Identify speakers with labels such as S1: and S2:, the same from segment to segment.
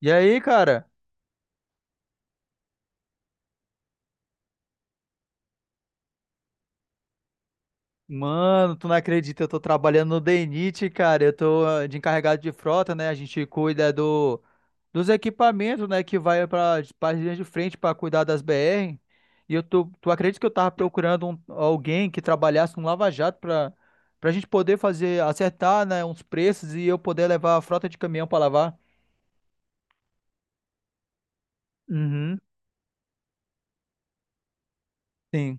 S1: E aí, cara? Mano, tu não acredita, eu tô trabalhando no DNIT, cara. Eu tô de encarregado de frota, né? A gente cuida dos equipamentos, né? Que vai para as linhas de frente para cuidar das BR. E eu tu acredita que eu tava procurando alguém que trabalhasse no Lava Jato pra gente poder fazer, acertar, né? Uns preços e eu poder levar a frota de caminhão pra lavar? Uhum. Sim.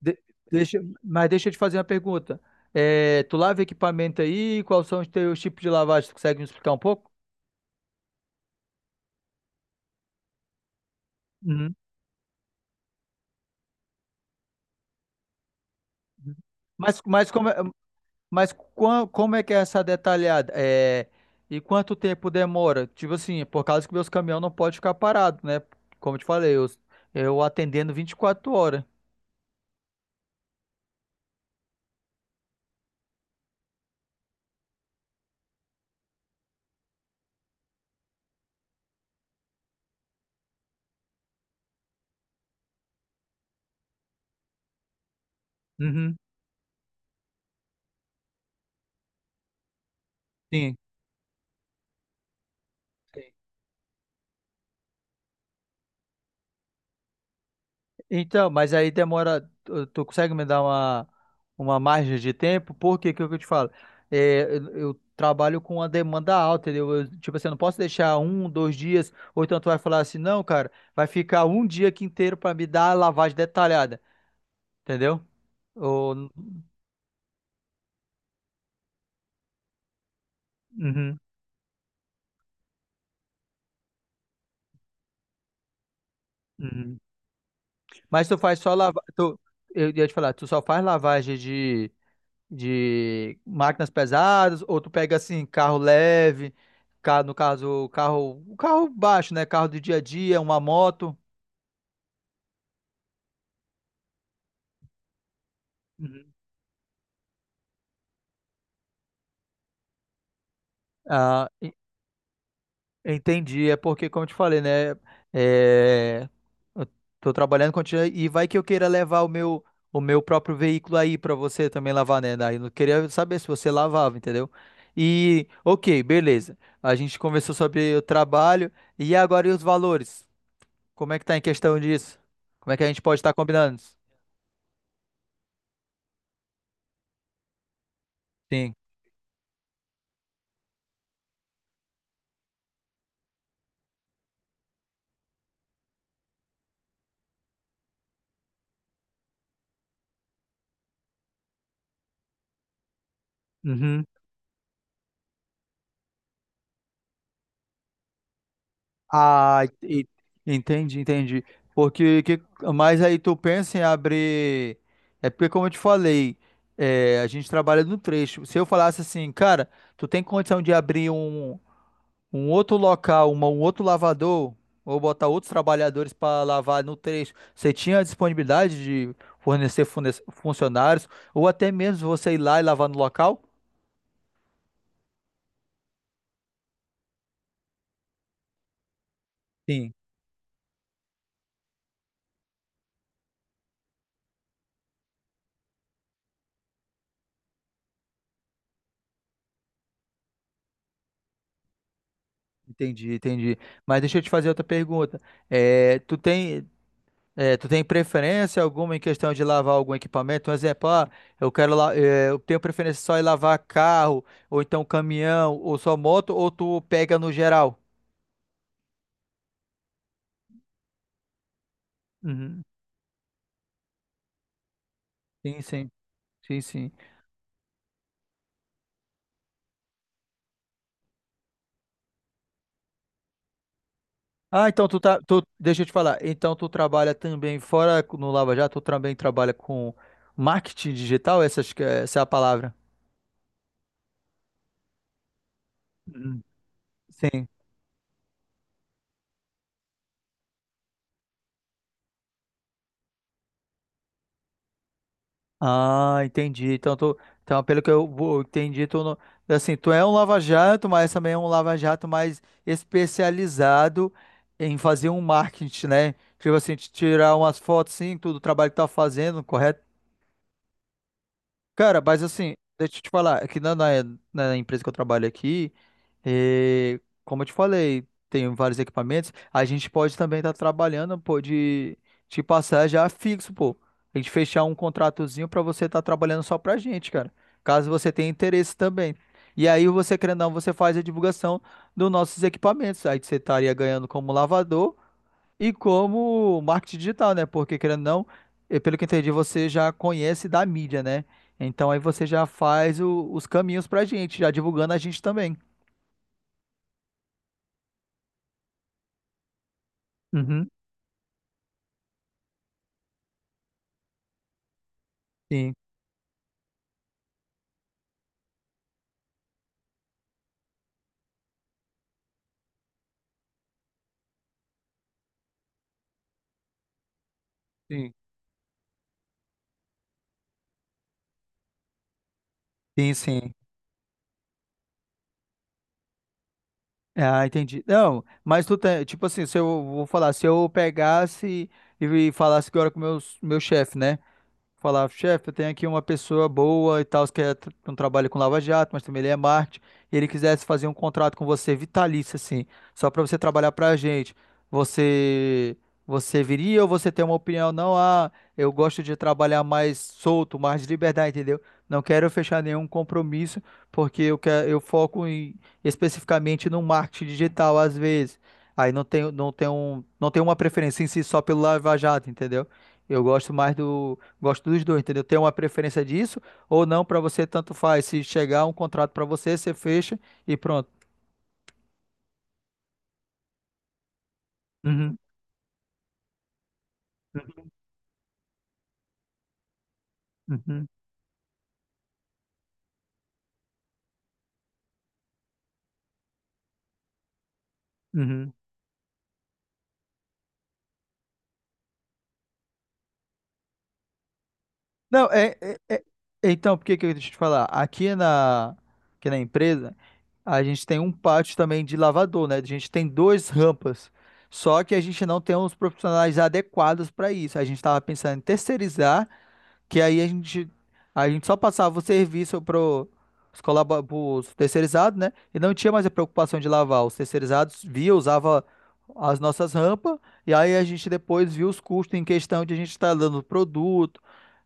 S1: De- Deixa, mas deixa eu te fazer uma pergunta. É, tu lava equipamento aí? Quais são os teus tipos de lavagem? Tu consegue me explicar um pouco? Uhum. Mas, mas, como, é- mas como é que é essa detalhada? É, e quanto tempo demora? Tipo assim, por causa que meus caminhões não podem ficar parados, né? Como eu te falei, eu atendendo vinte e quatro horas. Uhum. Sim. Então, mas aí demora. Tu consegue me dar uma margem de tempo? Porque que é o que eu te falo? Eu trabalho com uma demanda alta, entendeu? Eu, tipo assim, eu não posso deixar um, dois dias, ou então tu vai falar assim, não, cara, vai ficar um dia aqui inteiro pra me dar a lavagem detalhada, entendeu? Ou, uhum, uhum. Mas tu faz só lavagem. Tu... Eu ia te falar, tu só faz lavagem de. De máquinas pesadas, ou tu pega assim, carro leve, no caso, o carro baixo, né? Carro do dia a dia, uma moto. Uhum. Ah, en- Entendi. É porque, como eu te falei, né? É, eu tô trabalhando contigo e vai que eu queira levar o meu próprio veículo aí pra você também lavar, né? Daí eu queria saber se você lavava, entendeu? E, ok, beleza. A gente conversou sobre o trabalho e agora e os valores? Como é que tá em questão disso? Como é que a gente pode estar combinando isso? Sim. Uhum. Ah, e- Entendi, entendi. Porque que, mas aí tu pensa em abrir. É porque, como eu te falei, é, a gente trabalha no trecho. Se eu falasse assim, cara, tu tem condição de abrir um outro local, um outro lavador, ou botar outros trabalhadores para lavar no trecho, você tinha a disponibilidade de fornecer funcionários, ou até mesmo você ir lá e lavar no local? Sim. Entendi, entendi. Mas deixa eu te fazer outra pergunta. Eh, tu tem, Tu tem preferência alguma em questão de lavar algum equipamento? Um exemplo, ah, eu quero, eu tenho preferência só em lavar carro, ou então caminhão, ou só moto, ou tu pega no geral? Uhum. Sim, sim, sim, sim. Ah, então deixa eu te falar. Então tu trabalha também fora no Lava Jato, tu também trabalha com marketing digital, essa é a palavra. Uhum. Sim. Ah, entendi. Então pelo que eu entendi, tu não, assim, tu é um lava-jato, mas também é um lava-jato mais especializado em fazer um marketing, né? Tipo assim, te tirar umas fotos, sim, tudo o trabalho que tá fazendo, correto? Cara, mas assim, deixa eu te falar, na empresa que eu trabalho aqui, eh, como eu te falei, tem vários equipamentos, a gente pode também estar trabalhando, pô, de te passar já fixo, pô. A gente fechar um contratozinho pra você estar trabalhando só pra gente, cara. Caso você tenha interesse também. E aí você, querendo ou não, você faz a divulgação dos nossos equipamentos. Aí você estaria ganhando como lavador e como marketing digital, né? Porque querendo ou não, pelo que eu entendi, você já conhece da mídia, né? Então aí você já faz os caminhos pra gente, já divulgando a gente também. Uhum. Sim, sim, sim, sim. Ah, entendi. Não, mas tu tem, tipo assim, se eu vou falar, se eu pegasse e falasse agora com meu chefe, né? Falar, chefe, eu tenho aqui uma pessoa boa e tal, que é um trabalho com Lava Jato, mas também ele é marketing, e ele quisesse fazer um contrato com você vitalício, assim, só para você trabalhar para a gente. Você, Você viria ou você tem uma opinião? Não, ah, eu gosto de trabalhar mais solto, mais de liberdade, entendeu? Não quero fechar nenhum compromisso, porque eu foco especificamente no marketing digital, às vezes. Aí não tenho, não tenho, um, não tenho uma preferência em si só pelo Lava Jato, entendeu? Eu gosto mais do, Gosto dos dois, entendeu? Tem uma preferência disso ou não pra você, tanto faz. Se chegar um contrato pra você, você fecha e pronto. Uhum, uhum, uhum, uhum. Não, é, é- é- Então, por que que eu deixa eu te falar? Aqui na empresa, a gente tem um pátio também de lavador, né? A gente tem duas rampas. Só que a gente não tem os profissionais adequados para isso. A gente estava pensando em terceirizar. Que a gente só passava o serviço pro, os pros terceirizados, né? E não tinha mais a preocupação de lavar. Os terceirizados via, usava as nossas rampas, e aí a gente depois via os custos em questão de a gente estar dando produto,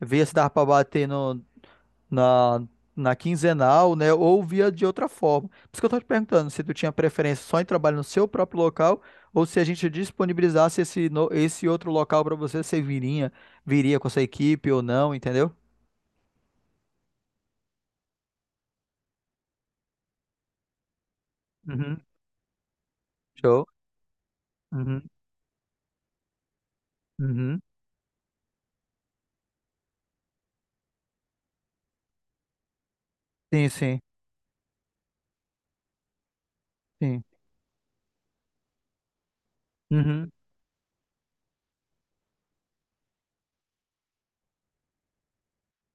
S1: via se dava para bater no, na, na quinzenal, né? Ou via de outra forma. Por isso que eu tô te perguntando se tu tinha preferência só em trabalho no seu próprio local, ou se a gente disponibilizasse esse, no- esse outro local para você, viria com essa equipe ou não, entendeu? Uhum. Show. Uhum. Uhum. Sim, sim, sim. Uhum.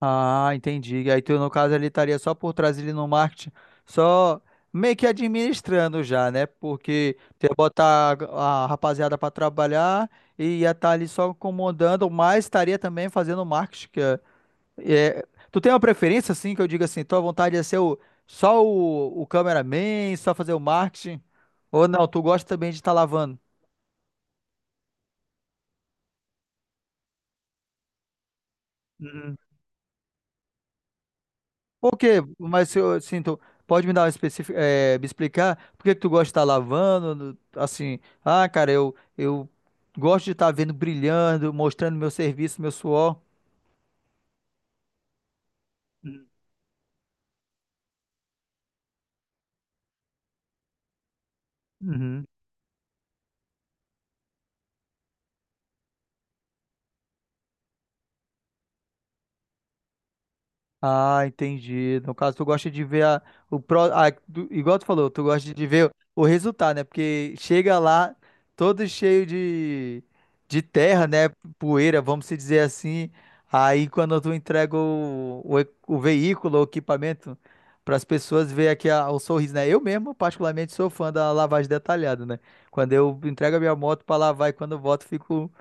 S1: Ah, entendi. Aí tu, no caso, ele estaria só por trás ali no marketing, só meio que administrando já, né? Porque tu ia botar a rapaziada para trabalhar e ia estar ali só comandando, mas estaria também fazendo marketing. É- Tu tem uma preferência, assim, que eu diga assim, tua vontade é ser só o cameraman, só fazer o marketing? Ou não, tu gosta também de estar lavando? Por quê? Mas se eu sinto, pode me dar uma específica, me explicar por que que tu gosta de estar lavando, assim, ah, cara, eu gosto de estar vendo brilhando, mostrando meu serviço, meu suor. Uhum. Ah, entendi. No caso, tu gosta de ver a, igual tu falou, tu gosta de ver o resultado, né? Porque chega lá todo cheio de terra, né? Poeira, vamos se dizer assim. Aí quando tu entrega o veículo, o equipamento para as pessoas ver aqui o sorriso, né? Eu mesmo, particularmente, sou fã da lavagem detalhada, né? Quando eu entrego a minha moto para lavar e quando eu volto, fico,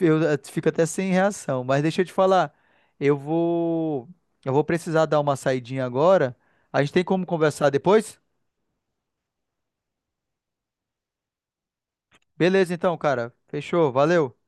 S1: eu eh, fico até sem reação. Mas deixa eu te falar, eu vou eu vou precisar dar uma saidinha agora. A gente tem como conversar depois? Beleza, então, cara. Fechou. Valeu.